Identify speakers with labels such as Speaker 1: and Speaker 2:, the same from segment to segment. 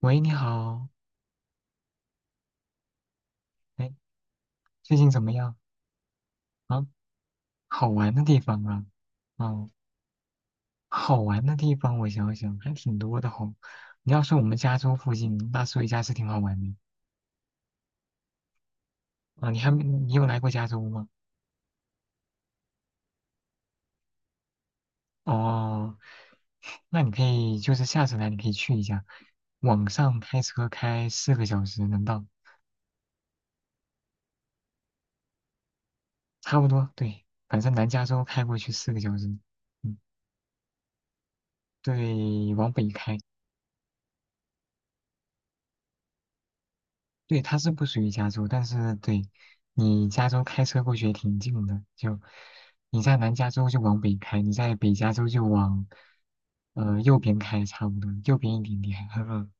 Speaker 1: 喂，你好。哎，最近怎么样啊？好玩的地方啊，哦，好玩的地方，我想想还挺多的吼。你要说我们加州附近，那所以加是挺好玩的啊。你还没，你有来过加州吗？哦，那你可以就是下次来，你可以去一下，往上开车开四个小时能到，差不多，对，反正南加州开过去四个小时。嗯，对，往北开。对，它是不属于加州，但是对你加州开车过去也挺近的，就你在南加州就往北开，你在北加州就往右边开，差不多右边一点点。嗯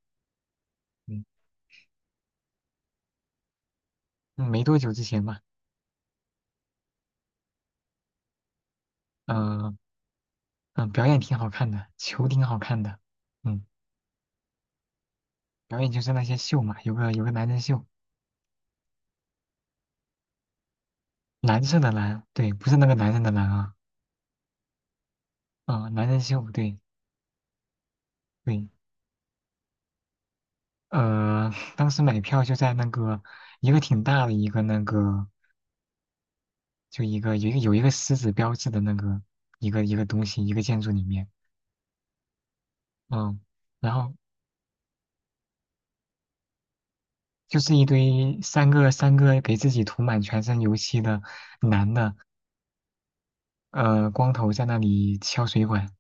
Speaker 1: 嗯。嗯没多久之前吧。嗯嗯，表演挺好看的，球挺好看的。嗯，表演就是那些秀嘛，有个男人秀，蓝色的蓝，对，不是那个男人的蓝啊，啊、男人秀，对对。呃，当时买票就在那个一个挺大的一个那个。就一个有一个狮子标志的那个一个东西，一个建筑里面。嗯，然后就是一堆三个给自己涂满全身油漆的男的，光头在那里敲水管。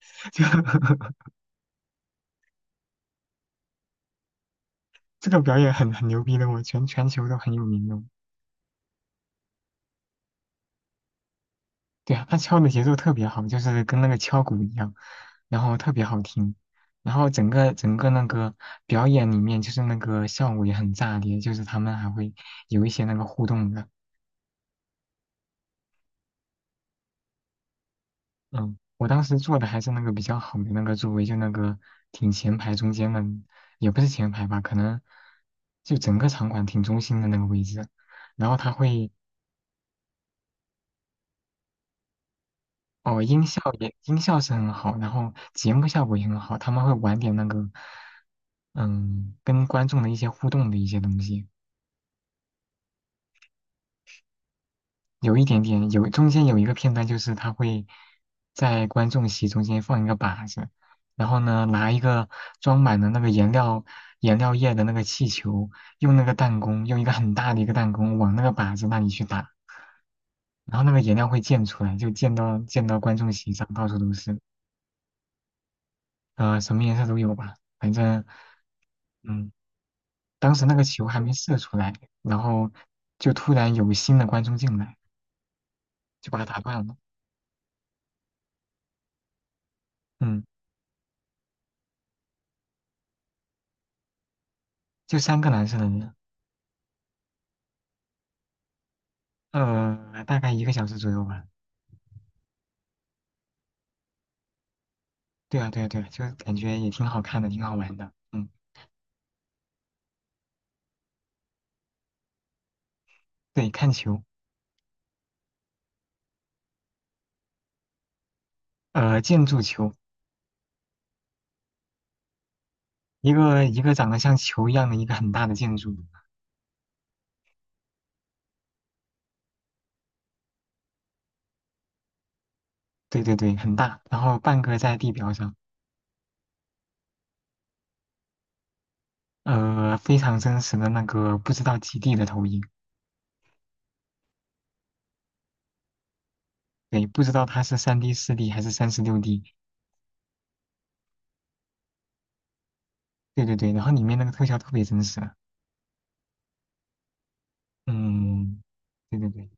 Speaker 1: 就这个表演很牛逼的，我全球都很有名的。对啊，他敲的节奏特别好，就是跟那个敲鼓一样，然后特别好听。然后整个那个表演里面，就是那个效果也很炸裂，就是他们还会有一些那个互动的。嗯，我当时坐的还是那个比较好的那个座位，就那个挺前排中间的，也不是前排吧，可能就整个场馆挺中心的那个位置。然后他会，哦，音效是很好，然后节目效果也很好，他们会玩点那个，嗯，跟观众的一些互动的一些东西。有一点点，中间有一个片段，就是他会在观众席中间放一个靶子，然后呢，拿一个装满了那个颜料液的那个气球，用那个弹弓，用一个很大的一个弹弓往那个靶子那里去打，然后那个颜料会溅出来，就溅到观众席上，到处都是。什么颜色都有吧，反正。嗯，当时那个球还没射出来，然后就突然有新的观众进来，就把它打断了。嗯。就三个男生。大概1个小时左右吧。对啊，对啊，对啊，就感觉也挺好看的，挺好玩的。嗯，对，看球。建筑球，一个长得像球一样的一个很大的建筑，对对对，很大，然后半个在地表上。非常真实的那个不知道几 D 的投影。对，不知道它是3D 4D 还是36D。 对对对，然后里面那个特效特别真实啊。嗯，对对对。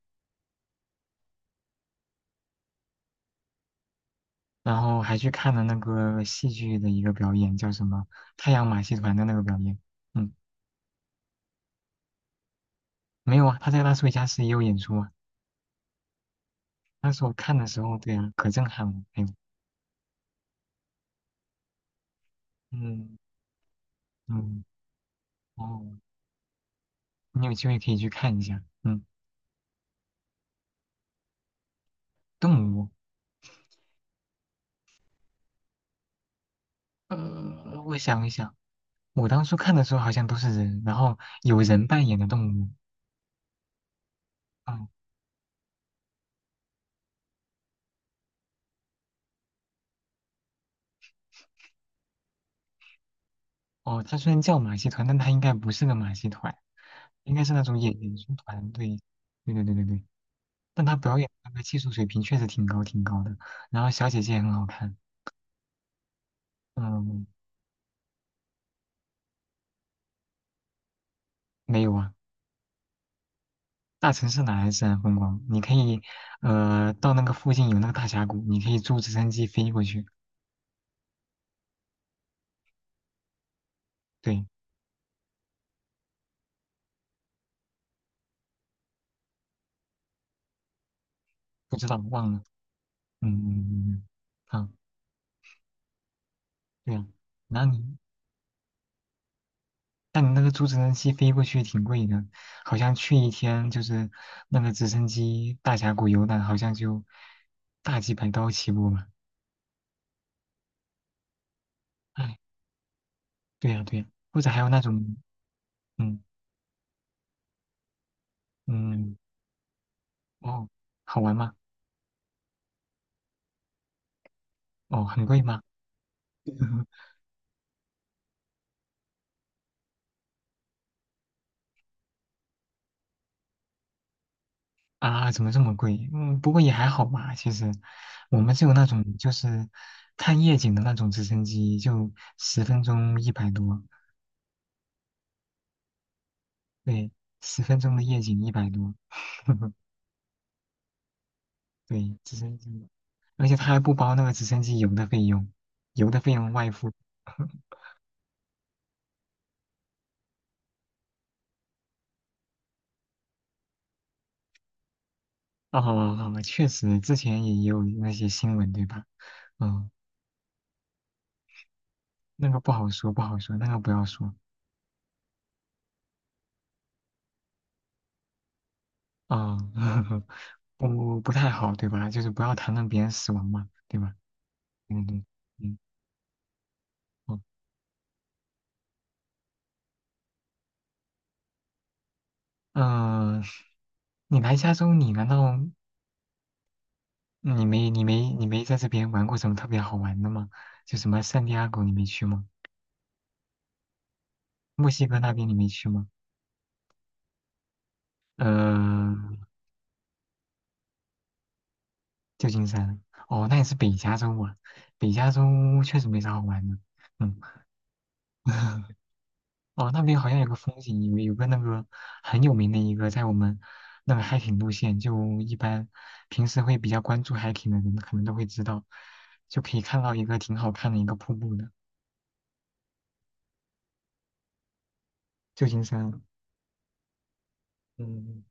Speaker 1: 然后还去看了那个戏剧的一个表演，叫什么太阳马戏团的那个表演。嗯，没有啊，他在拉斯维加斯也有演出啊。那时候看的时候，对啊，可震撼了。哎呦。嗯嗯，哦，你有机会可以去看一下。嗯，动物，我想一想，我当初看的时候好像都是人，然后有人扮演的动物。嗯，哦，它虽然叫马戏团，但它应该不是个马戏团，应该是那种演出团队。对对对对对。但她表演那个技术水平确实挺高挺高的，然后小姐姐也很好看。嗯，没有啊，大城市哪来自然风光？你可以，到那个附近有那个大峡谷，你可以坐直升机飞过去。对，不知道忘了。嗯嗯嗯，啊，对啊，那你，但你那个坐直升机飞过去挺贵的，好像去一天就是那个直升机大峡谷游览，好像就大几百刀起步吧。哎，对呀对呀，或者还有那种。嗯嗯。哦，好玩吗？哦，很贵吗？啊，怎么这么贵？嗯，不过也还好吧。其实，我们就有那种就是看夜景的那种直升机，就十分钟一百多。对，十分钟的夜景一百多。对，直升机，而且它还不包那个直升机油的费用，油的费用外付。哦，确实，之前也有那些新闻，对吧？嗯，那个不好说，不好说，那个不要说。啊、不太好，对吧？就是不要谈论别人死亡嘛，对吧？嗯嗯嗯，哦，嗯、你来加州，你难道你没在这边玩过什么特别好玩的吗？就什么圣地亚哥你没去吗？墨西哥那边你没去吗？呃，旧金山，哦，那也是北加州啊，北加州确实没啥好玩的。嗯。哦，那边好像有个风景，有个那个很有名的一个，在我们那个 hiking 路线，就一般平时会比较关注 hiking 的人，可能都会知道，就可以看到一个挺好看的一个瀑布的，旧金山。嗯，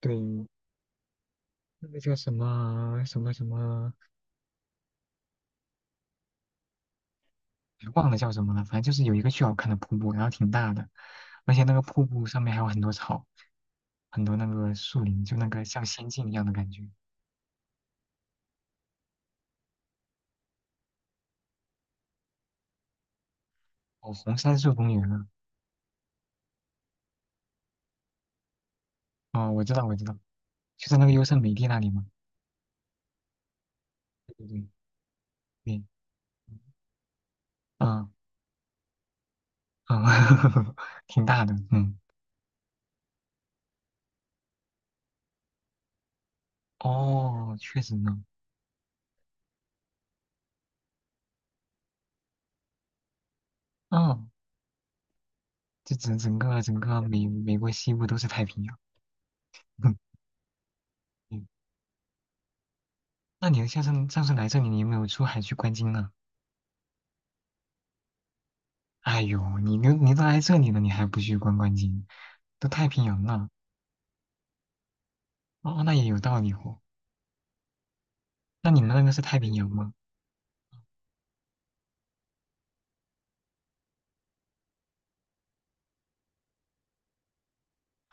Speaker 1: 对，那个叫什么什么什么，哎忘了叫什么了，反正就是有一个巨好看的瀑布，然后挺大的，而且那个瀑布上面还有很多草，很多那个树林，就那个像仙境一样的感觉。哦，红杉树公园啊，哦，我知道，我知道，就在那个优胜美地那里吗？对对对。嗯。嗯 挺大的。嗯，哦，确实呢。嗯，这整个美国西部都是太平洋。嗯，那你上次来这里，你有没有出海去观鲸呢？哎呦，你都来这里了，你还不去观鲸，都太平洋了。哦，那也有道理哦。那你们那个是太平洋吗？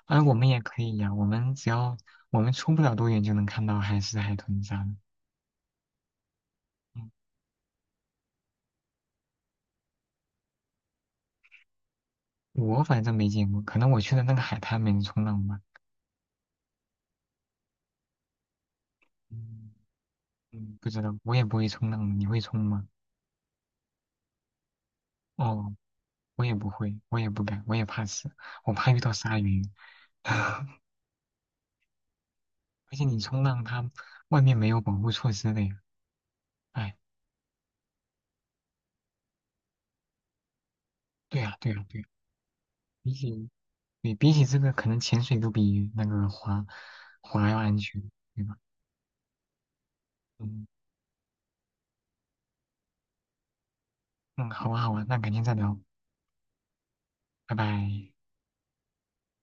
Speaker 1: 啊，我们也可以呀，我们出不了多远就能看到海狮、海豚啥的。嗯我反正没见过，可能我去的那个海滩没人冲浪吧。嗯嗯不知道，我也不会冲浪，你会冲吗？哦，我也不会，我也不敢，我也怕死，我怕遇到鲨鱼。而且你冲浪，它外面没有保护措施的呀。哎，对呀，对呀，对呀，比起对比起这个，可能潜水都比那个滑要安全，对吧？嗯嗯，好啊，好啊，那改天再聊，拜拜。